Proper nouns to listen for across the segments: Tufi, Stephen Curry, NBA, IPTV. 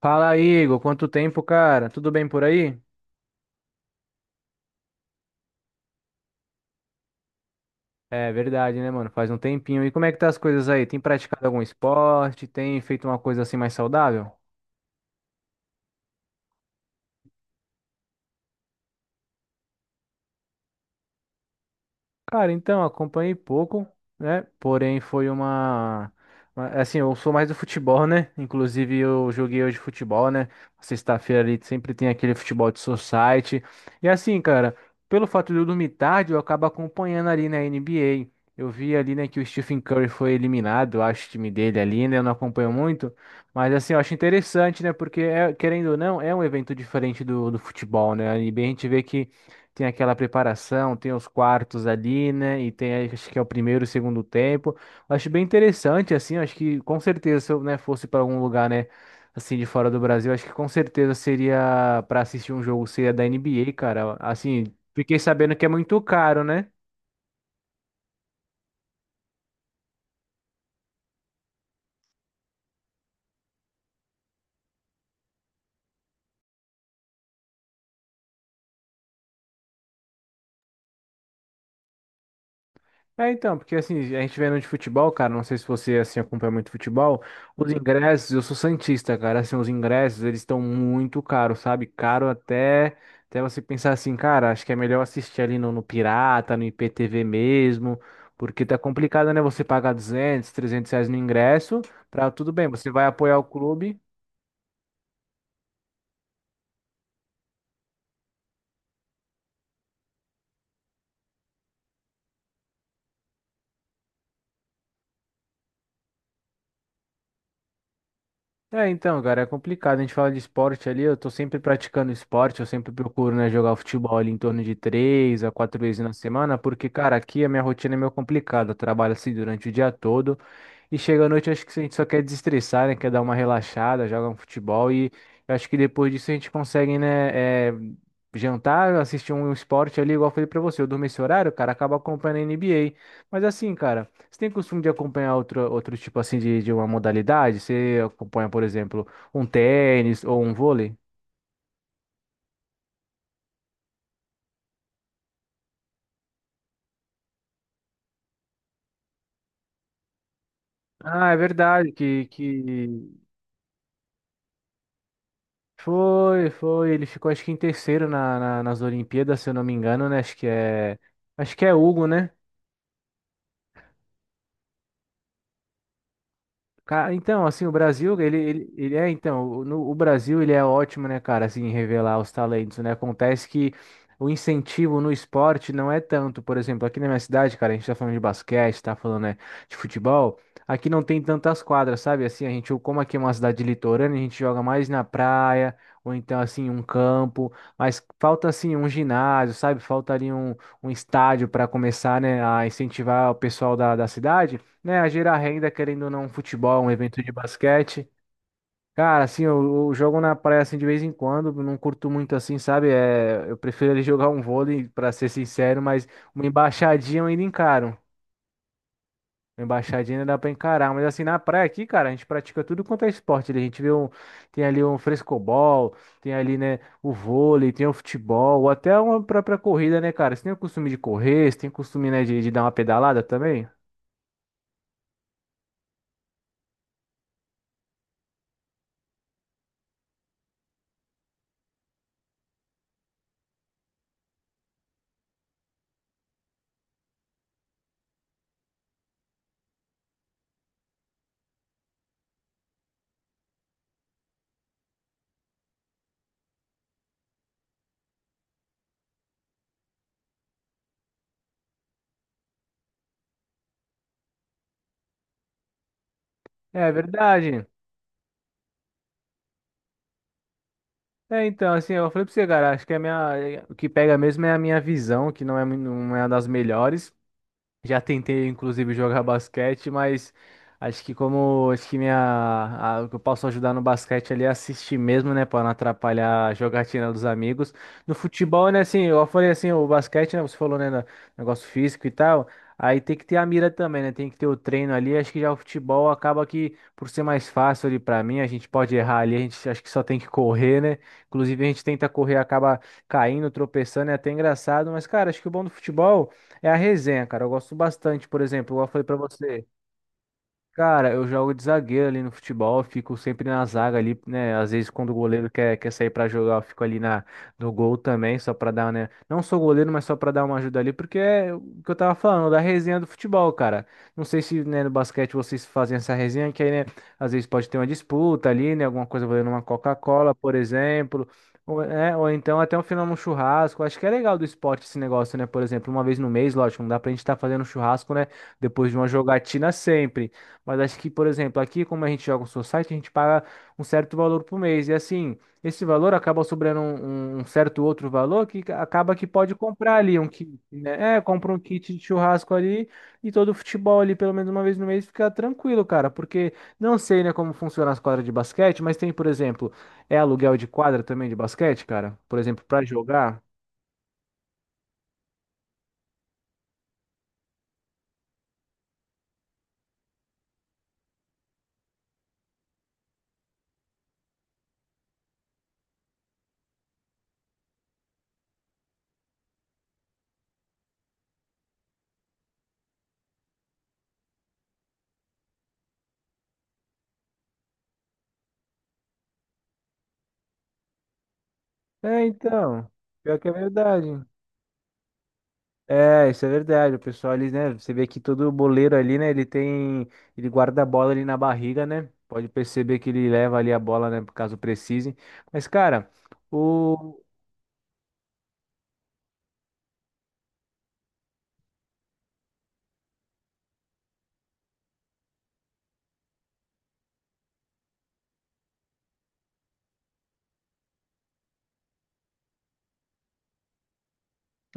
Fala, Igor. Quanto tempo, cara? Tudo bem por aí? É verdade, né, mano? Faz um tempinho. E como é que tá as coisas aí? Tem praticado algum esporte? Tem feito uma coisa assim mais saudável? Cara, então, acompanhei pouco, né? Porém, foi uma. Assim, eu sou mais do futebol, né? Inclusive, eu joguei hoje futebol, né? Sexta-feira ali sempre tem aquele futebol de society. E assim, cara, pelo fato de eu dormir tarde, eu acabo acompanhando ali na NBA. Eu vi ali, né, que o Stephen Curry foi eliminado, eu acho o time dele ali, né? Eu não acompanho muito. Mas assim, eu acho interessante, né? Porque, querendo ou não, é um evento diferente do futebol, né? A NBA a gente vê que tem aquela preparação, tem os quartos ali, né? E tem, aí, acho que é o primeiro e segundo tempo. Eu acho bem interessante, assim, eu acho que com certeza se eu, né, fosse para algum lugar, né, assim, de fora do Brasil, acho que com certeza seria para assistir um jogo, seria da NBA, cara. Assim, fiquei sabendo que é muito caro, né? É, então, porque assim, a gente vendo de futebol, cara, não sei se você assim acompanha muito futebol, os ingressos, eu sou santista, cara, assim, os ingressos, eles estão muito caros, sabe? Caro até até você pensar assim, cara, acho que é melhor assistir ali no Pirata, no IPTV mesmo, porque tá complicado, né, você pagar 200, 300 reais no ingresso, pra tudo bem, você vai apoiar o clube. É, então, cara, é complicado. A gente fala de esporte ali, eu tô sempre praticando esporte, eu sempre procuro, né, jogar futebol ali em torno de três a quatro vezes na semana, porque, cara, aqui a minha rotina é meio complicada. Eu trabalho assim durante o dia todo e chega à noite, acho que a gente só quer desestressar, né, quer dar uma relaxada, joga um futebol e eu acho que depois disso a gente consegue, né, jantar, assistir um esporte ali, igual eu falei pra você. Eu durmo esse horário, cara, acaba acompanhando a NBA. Mas assim, cara. Você tem costume de acompanhar outro, outro tipo assim de uma modalidade? Você acompanha, por exemplo, um tênis ou um vôlei? Ah, é verdade que foi, foi. Ele ficou acho que em terceiro na, nas Olimpíadas, se eu não me engano, né? Acho que é Hugo, né? Então, assim, o Brasil, ele é, então, o- no, o Brasil, ele é ótimo, né, cara, assim, em revelar os talentos, né? Acontece que o incentivo no esporte não é tanto. Por exemplo, aqui na minha cidade, cara, a gente tá falando de basquete, tá falando, né, de futebol. Aqui não tem tantas quadras, sabe? Assim, a gente, como aqui é uma cidade litorânea, a gente joga mais na praia, ou então, assim, um campo. Mas falta, assim, um ginásio, sabe? Falta ali um, um estádio para começar, né, a incentivar o pessoal da cidade, né, a gerar renda, querendo ou não, um futebol, um evento de basquete. Cara, assim, eu jogo na praia assim de vez em quando, não curto muito assim, sabe? É, eu prefiro ele jogar um vôlei, pra ser sincero, mas uma embaixadinha eu ainda encaro. Uma embaixadinha ainda dá pra encarar, mas assim, na praia aqui, cara, a gente pratica tudo quanto é esporte ali. A gente vê um, tem ali um frescobol, tem ali, né, o vôlei, tem o futebol, ou até uma própria corrida, né, cara? Você tem o costume de correr, você tem o costume, né, de dar uma pedalada também? É verdade. É, então, assim, eu falei pra você, cara, acho que a minha, o que pega mesmo é a minha visão, que não é, não é uma das melhores. Já tentei, inclusive, jogar basquete, mas acho que como acho que minha, o que eu posso ajudar no basquete ali é assistir mesmo, né? Para não atrapalhar a jogatina dos amigos. No futebol, né, assim, eu falei assim, o basquete, né? Você falou, né, negócio físico e tal. Aí tem que ter a mira também, né? Tem que ter o treino ali. Acho que já o futebol acaba que, por ser mais fácil ali para mim, a gente pode errar ali, a gente acho que só tem que correr, né? Inclusive, a gente tenta correr, acaba caindo, tropeçando, é até engraçado. Mas, cara, acho que o bom do futebol. É a resenha, cara. Eu gosto bastante, por exemplo, igual eu falei pra você. Cara, eu jogo de zagueiro ali no futebol, fico sempre na zaga ali, né? Às vezes quando o goleiro quer sair pra jogar, eu fico ali na, no gol também, só pra dar, né? Não sou goleiro, mas só pra dar uma ajuda ali, porque é o que eu tava falando, da resenha do futebol, cara. Não sei se, né, no basquete vocês fazem essa resenha, que aí, né, às vezes pode ter uma disputa ali, né? Alguma coisa valendo uma Coca-Cola, por exemplo. Ou, ou então até um final um churrasco. Acho que é legal do esporte esse negócio, né? Por exemplo, uma vez no mês, lógico, não dá pra gente estar fazendo churrasco, né? Depois de uma jogatina sempre. Mas acho que, por exemplo, aqui, como a gente joga um society, a gente paga um certo valor por mês. E assim, esse valor acaba sobrando um, um certo outro valor acaba que pode comprar ali um kit, né? É, compra um kit de churrasco ali e todo o futebol ali, pelo menos uma vez no mês, fica tranquilo, cara. Porque não sei, né, como funciona as quadras de basquete, mas tem, por exemplo, aluguel de quadra também de basquete, cara? Por exemplo, pra jogar? É, então. Pior que é verdade. É, isso é verdade. O pessoal ali, né? Você vê que todo boleiro ali, né? Ele tem. Ele guarda a bola ali na barriga, né? Pode perceber que ele leva ali a bola, né? Caso precise. Mas, cara, o,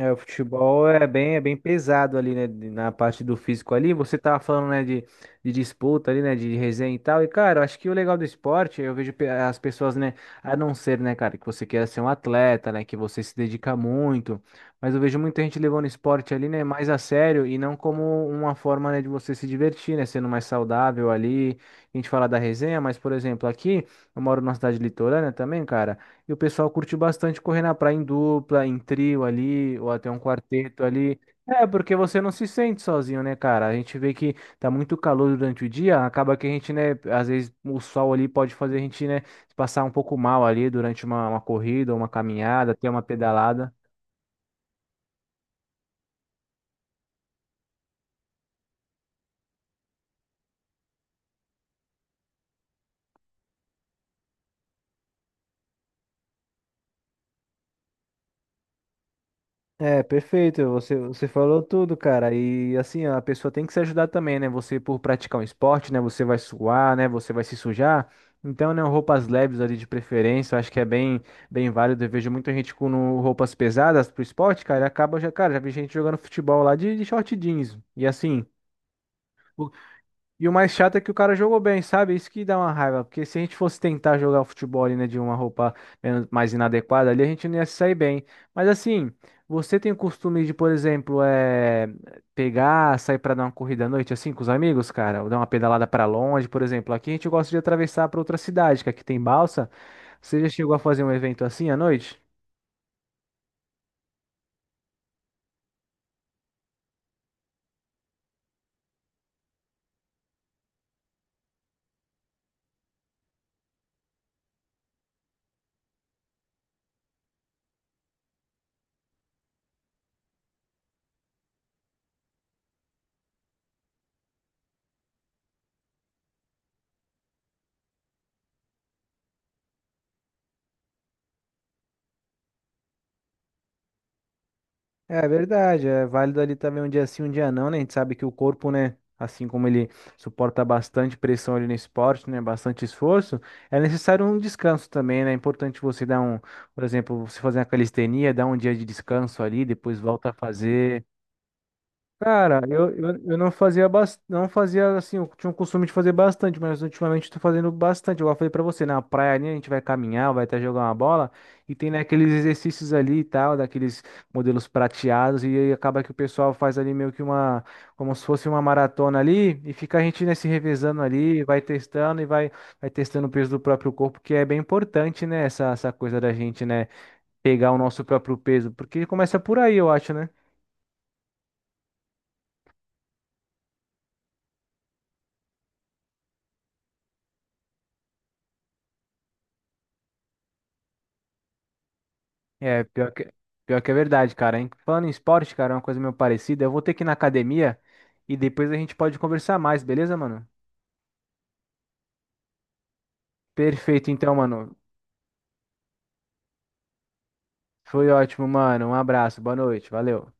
É, o futebol é bem pesado ali, né? Na parte do físico ali. Você tava falando, né, de disputa ali, né? De resenha e tal. E, cara, eu acho que o legal do esporte, eu vejo as pessoas, né? A não ser, né, cara, que você queira ser um atleta, né? Que você se dedica muito. Mas eu vejo muita gente levando o esporte ali, né? Mais a sério e não como uma forma, né, de você se divertir, né? Sendo mais saudável ali. A gente fala da resenha, mas, por exemplo, aqui, eu moro numa cidade litorânea também, cara. E o pessoal curte bastante correr na praia em dupla, em trio ali, ou até um quarteto ali. É, porque você não se sente sozinho, né, cara? A gente vê que tá muito calor durante o dia, acaba que a gente, né, às vezes o sol ali pode fazer a gente, né, passar um pouco mal ali durante uma corrida, uma caminhada, até uma pedalada. É, perfeito. Você falou tudo, cara. E assim, a pessoa tem que se ajudar também, né? Você, por praticar um esporte, né? Você vai suar, né? Você vai se sujar. Então, né? Roupas leves ali de preferência, eu acho que é bem, bem válido. Eu vejo muita gente com roupas pesadas pro esporte, cara. E acaba já, cara, já vi gente jogando futebol lá de short jeans. E assim. E o mais chato é que o cara jogou bem, sabe? Isso que dá uma raiva. Porque se a gente fosse tentar jogar o futebol ali, né, de uma roupa mais inadequada ali, a gente não ia se sair bem. Mas assim, você tem o costume de, por exemplo, pegar, sair pra dar uma corrida à noite, assim, com os amigos, cara? Ou dar uma pedalada pra longe, por exemplo. Aqui a gente gosta de atravessar pra outra cidade, que aqui tem balsa. Você já chegou a fazer um evento assim à noite? É verdade, é válido ali também um dia sim, um dia não, né? A gente sabe que o corpo, né, assim como ele suporta bastante pressão ali no esporte, né, bastante esforço, é necessário um descanso também, né? É importante você dar um, por exemplo, você fazer uma calistenia, dar um dia de descanso ali, depois volta a fazer. Cara, eu não fazia não fazia assim, eu tinha o costume de fazer bastante, mas ultimamente eu tô fazendo bastante. Igual eu falei pra você, na praia ali a gente vai caminhar, vai até jogar uma bola, e tem né, aqueles exercícios ali e tal, daqueles modelos prateados, e aí acaba que o pessoal faz ali meio que uma, como se fosse uma maratona ali, e fica a gente né, se revezando ali, vai testando e vai, vai testando o peso do próprio corpo, que é bem importante, né, essa coisa da gente, né, pegar o nosso próprio peso, porque começa por aí, eu acho, né? É, pior que é verdade, cara. Hein? Falando em esporte, cara, é uma coisa meio parecida. Eu vou ter que ir na academia e depois a gente pode conversar mais, beleza, mano? Perfeito, então, mano. Foi ótimo, mano. Um abraço, boa noite, valeu.